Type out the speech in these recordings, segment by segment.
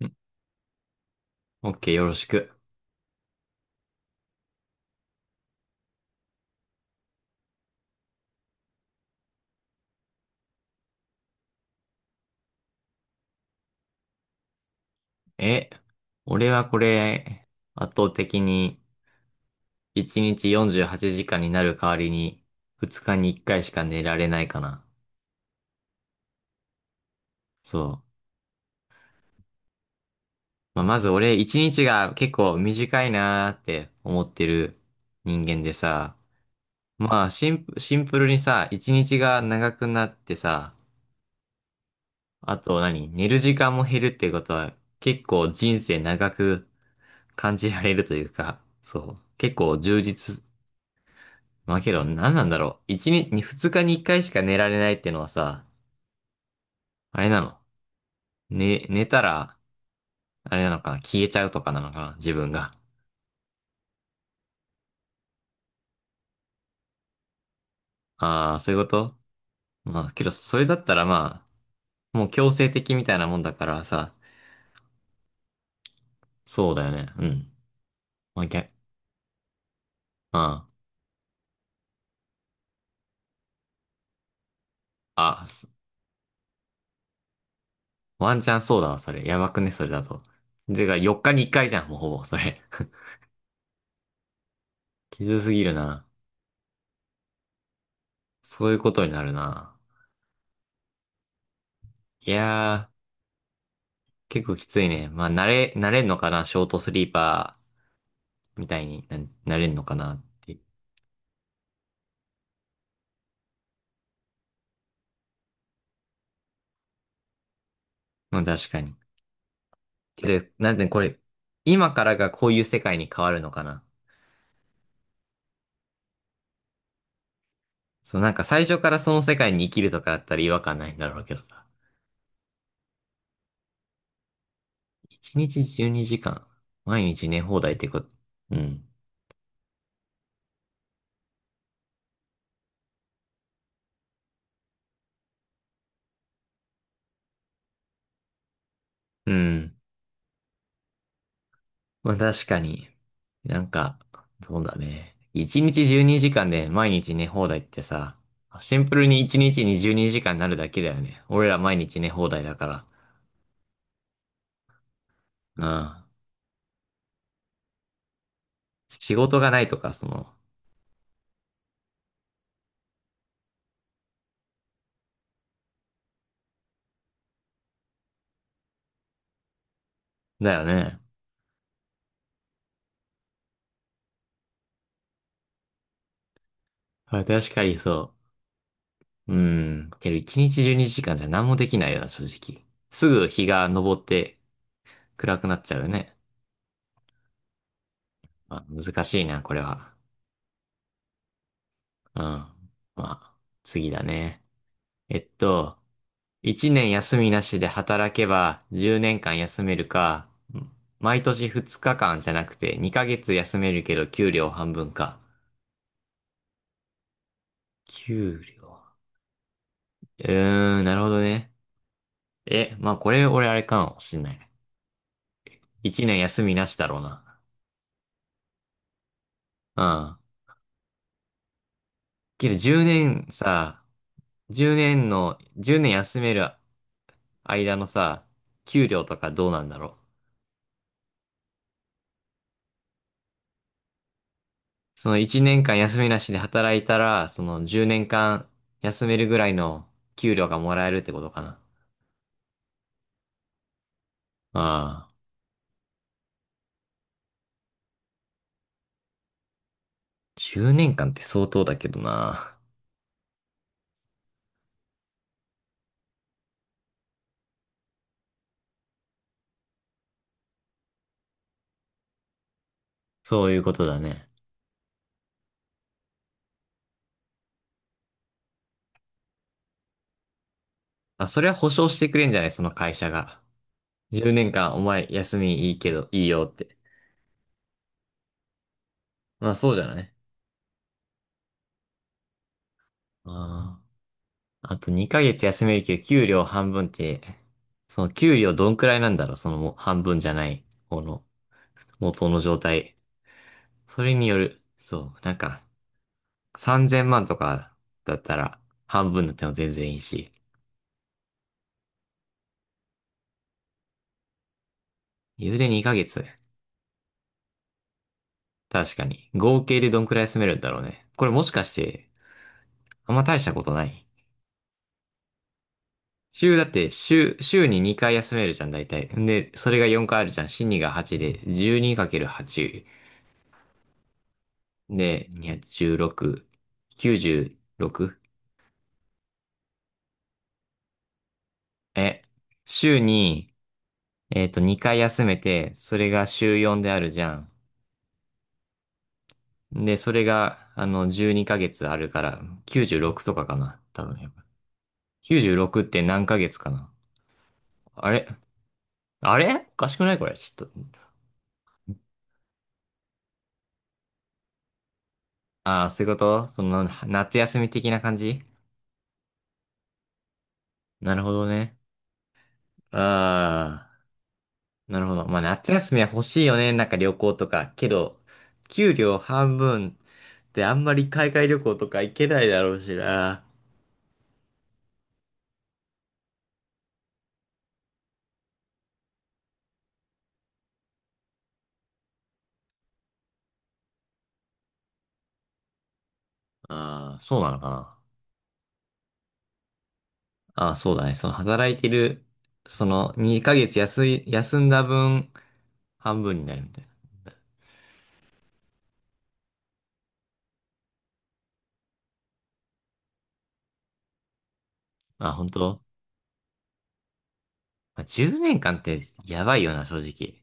ん OK、よろしく。え、俺はこれ、圧倒的に1日48時間になる代わりに、2日に1回しか寝られないかな。そう。まあ、まず俺、1日が結構短いなーって思ってる人間でさ、まあ、シンプルにさ、1日が長くなってさ、あと何寝る時間も減るってことは、結構人生長く感じられるというか、そう。結構充実。まあけど、何なんだろう。二日に一回しか寝られないってのはさ、あれなの。寝たら、あれなのかな、消えちゃうとかなのかな、自分が。ああ、そういうこと。まあけど、それだったらまあ、もう強制的みたいなもんだからさ、そうだよね。うん。まあ、ぎゃ、ああ、そワンチャンそうだわ、それ。やばくね、それだと。てか、4日に1回じゃん、もうほぼ、それ。きつすぎるな。そういうことになるな。いやー、結構きついね。まあ、慣れんのかな、ショートスリーパーみたいにな、なれるのかなって。まあ確かに。けど、なんでこれ、今からがこういう世界に変わるのかな。そう、なんか最初からその世界に生きるとかだったら違和感ないんだろうけどさ。1日12時間、毎日寝放題ってこと。うん。うん。まあ確かに。なんか、そうだね。1日12時間で毎日寝放題ってさ、シンプルに1日に12時間にじかんになるだけだよね。俺ら毎日寝放題だから。うん。仕事がないとか、だよね。確かに。そう。うん。けど一日12時間じかんじゃ何もできないよな、正直。すぐ日が昇って暗くなっちゃうよね。まあ、難しいな、これは。うん。まあ、次だね。えっと、1年休みなしで働けば10年間休めるか、毎年2日間じゃなくて2ヶ月休めるけど給料半分か。給料。うーん、なるほどね。え、まあこれ俺あれかもしんない。1年休みなしだろうな。うん。けど10年さ、10年の、10年休める間のさ、給料とかどうなんだろう。その1年間休みなしで働いたら、その10年間休めるぐらいの給料がもらえるってことかな。ああ、10年間って相当だけどな。そういうことだね。あ、それは保証してくれんじゃない、その会社が。10年間お前休みいいけど、いいよって。まあそうじゃない。ああ。あと2ヶ月休めるけど、給料半分って、その給料どんくらいなんだろう、そのもう半分じゃない、この元の状態。それによる、そう、なんか3000万とかだったら半分だっても全然いいし、言うで2ヶ月。確かに。合計でどんくらい休めるんだろうね。これもしかして、あんま大したことない。週だって、週に2回休めるじゃん、大体。んで、それが4回あるじゃん。週2が8で、12×8。で、にひゃくじゅうん。216、96? え、週に、2回休めて、それが週4であるじゃん。で、それが、12ヶ月あるから、96とかかな。多分、やっぱ。96って何ヶ月かな。あれ、あれおかしくないこれ。ちょっと。ああ、そういうこと。夏休み的な感じ。なるほどね。ああ。なるほど。まあ夏休みは欲しいよね。なんか旅行とか。けど、給料半分であんまり海外旅行とか行けないだろうしな。ああ、そうなのかな。ああ、そうだね。その働いてる、その2ヶ月休んだ分、半分になるみたいな。あ、本当。まあ、10年間ってやばいよな、正直。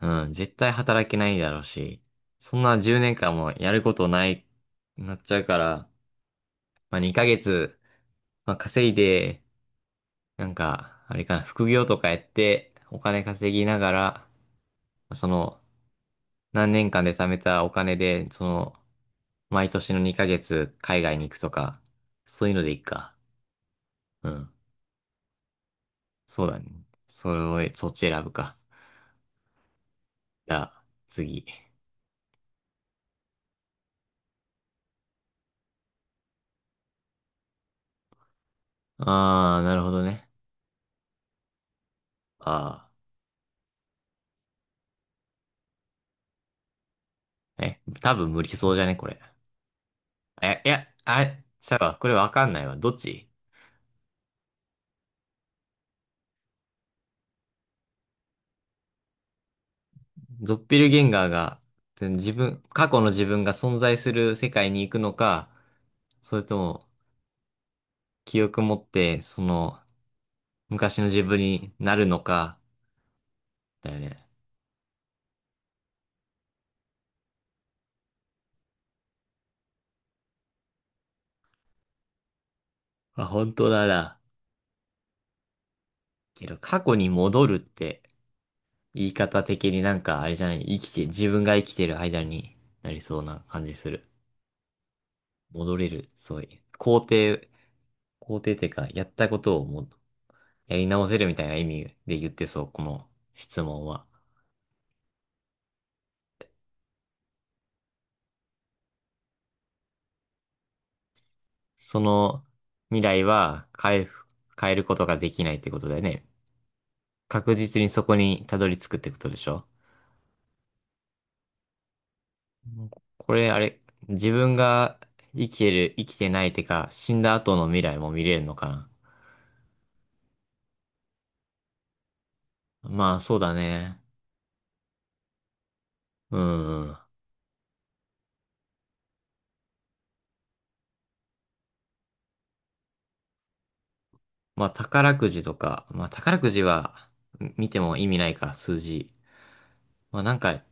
うん、絶対働けないだろうし、そんな10年間もやることない、なっちゃうから、まあ、2ヶ月、まあ、稼いで、なんか、あれかな、副業とかやって、お金稼ぎながら、その、何年間で貯めたお金で、その、毎年の2ヶ月海外に行くとか、そういうのでいいか。うん。そうだね。それを、そっち選ぶか。じゃあ、次。あー、なるほどね。あー。え、多分無理そうじゃね、これ。え、いや、あれ、ちゃうわ。これわかんないわ。どっち。ドッペルゲンガーが、自分、過去の自分が存在する世界に行くのか、それとも、記憶持って、その、昔の自分になるのか、だよね。あ、本当だな。けど、過去に戻るって、言い方的になんか、あれじゃない、生きて、自分が生きてる間になりそうな感じする。戻れる、そういう。肯定ってか、やったことをもう、やり直せるみたいな意味で言ってそう、この質問は。その未来は変えることができないってことだよね。確実にそこにたどり着くってことでしょ。これ、あれ、自分が生きてる、生きてないてか、死んだ後の未来も見れるのかな。まあ、そうだね。うん、うん。まあ、宝くじとか、まあ、宝くじは見ても意味ないか、数字。まあ、なんか、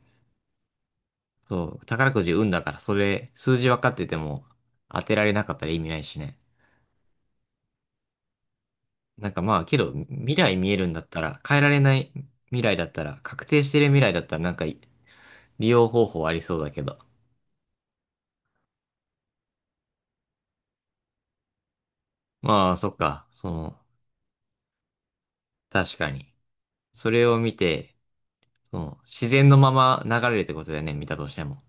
そう、宝くじ運だから、それ、数字分かってても当てられなかったら意味ないしね。なんかまあ、けど、未来見えるんだったら、変えられない未来だったら、確定してる未来だったら、なんか、利用方法ありそうだけど。まあ、そっか、その、確かに。それを見て、その、自然のまま流れるってことだよね、見たとしても。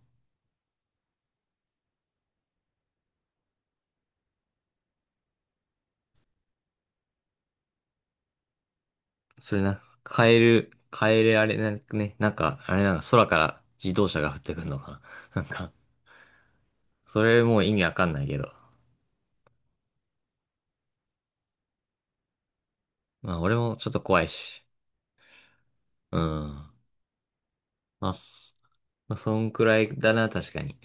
それな、カエルあれなんかね、なんか、あれなんか空から自動車が降ってくるのかな。なんか、それもう意味わかんないけど。まあ俺もちょっと怖いし。うん。まあ、そまあそんくらいだな、確かに。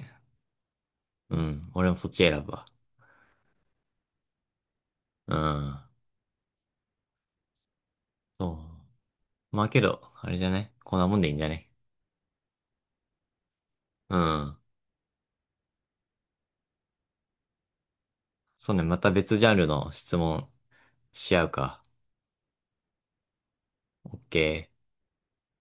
うん。俺もそっち選ぶわ。うん。そう。まあけど、あれじゃねこんなもんでいいんじゃね。うん。そうね、また別ジャンルの質問し合うか。オッケー。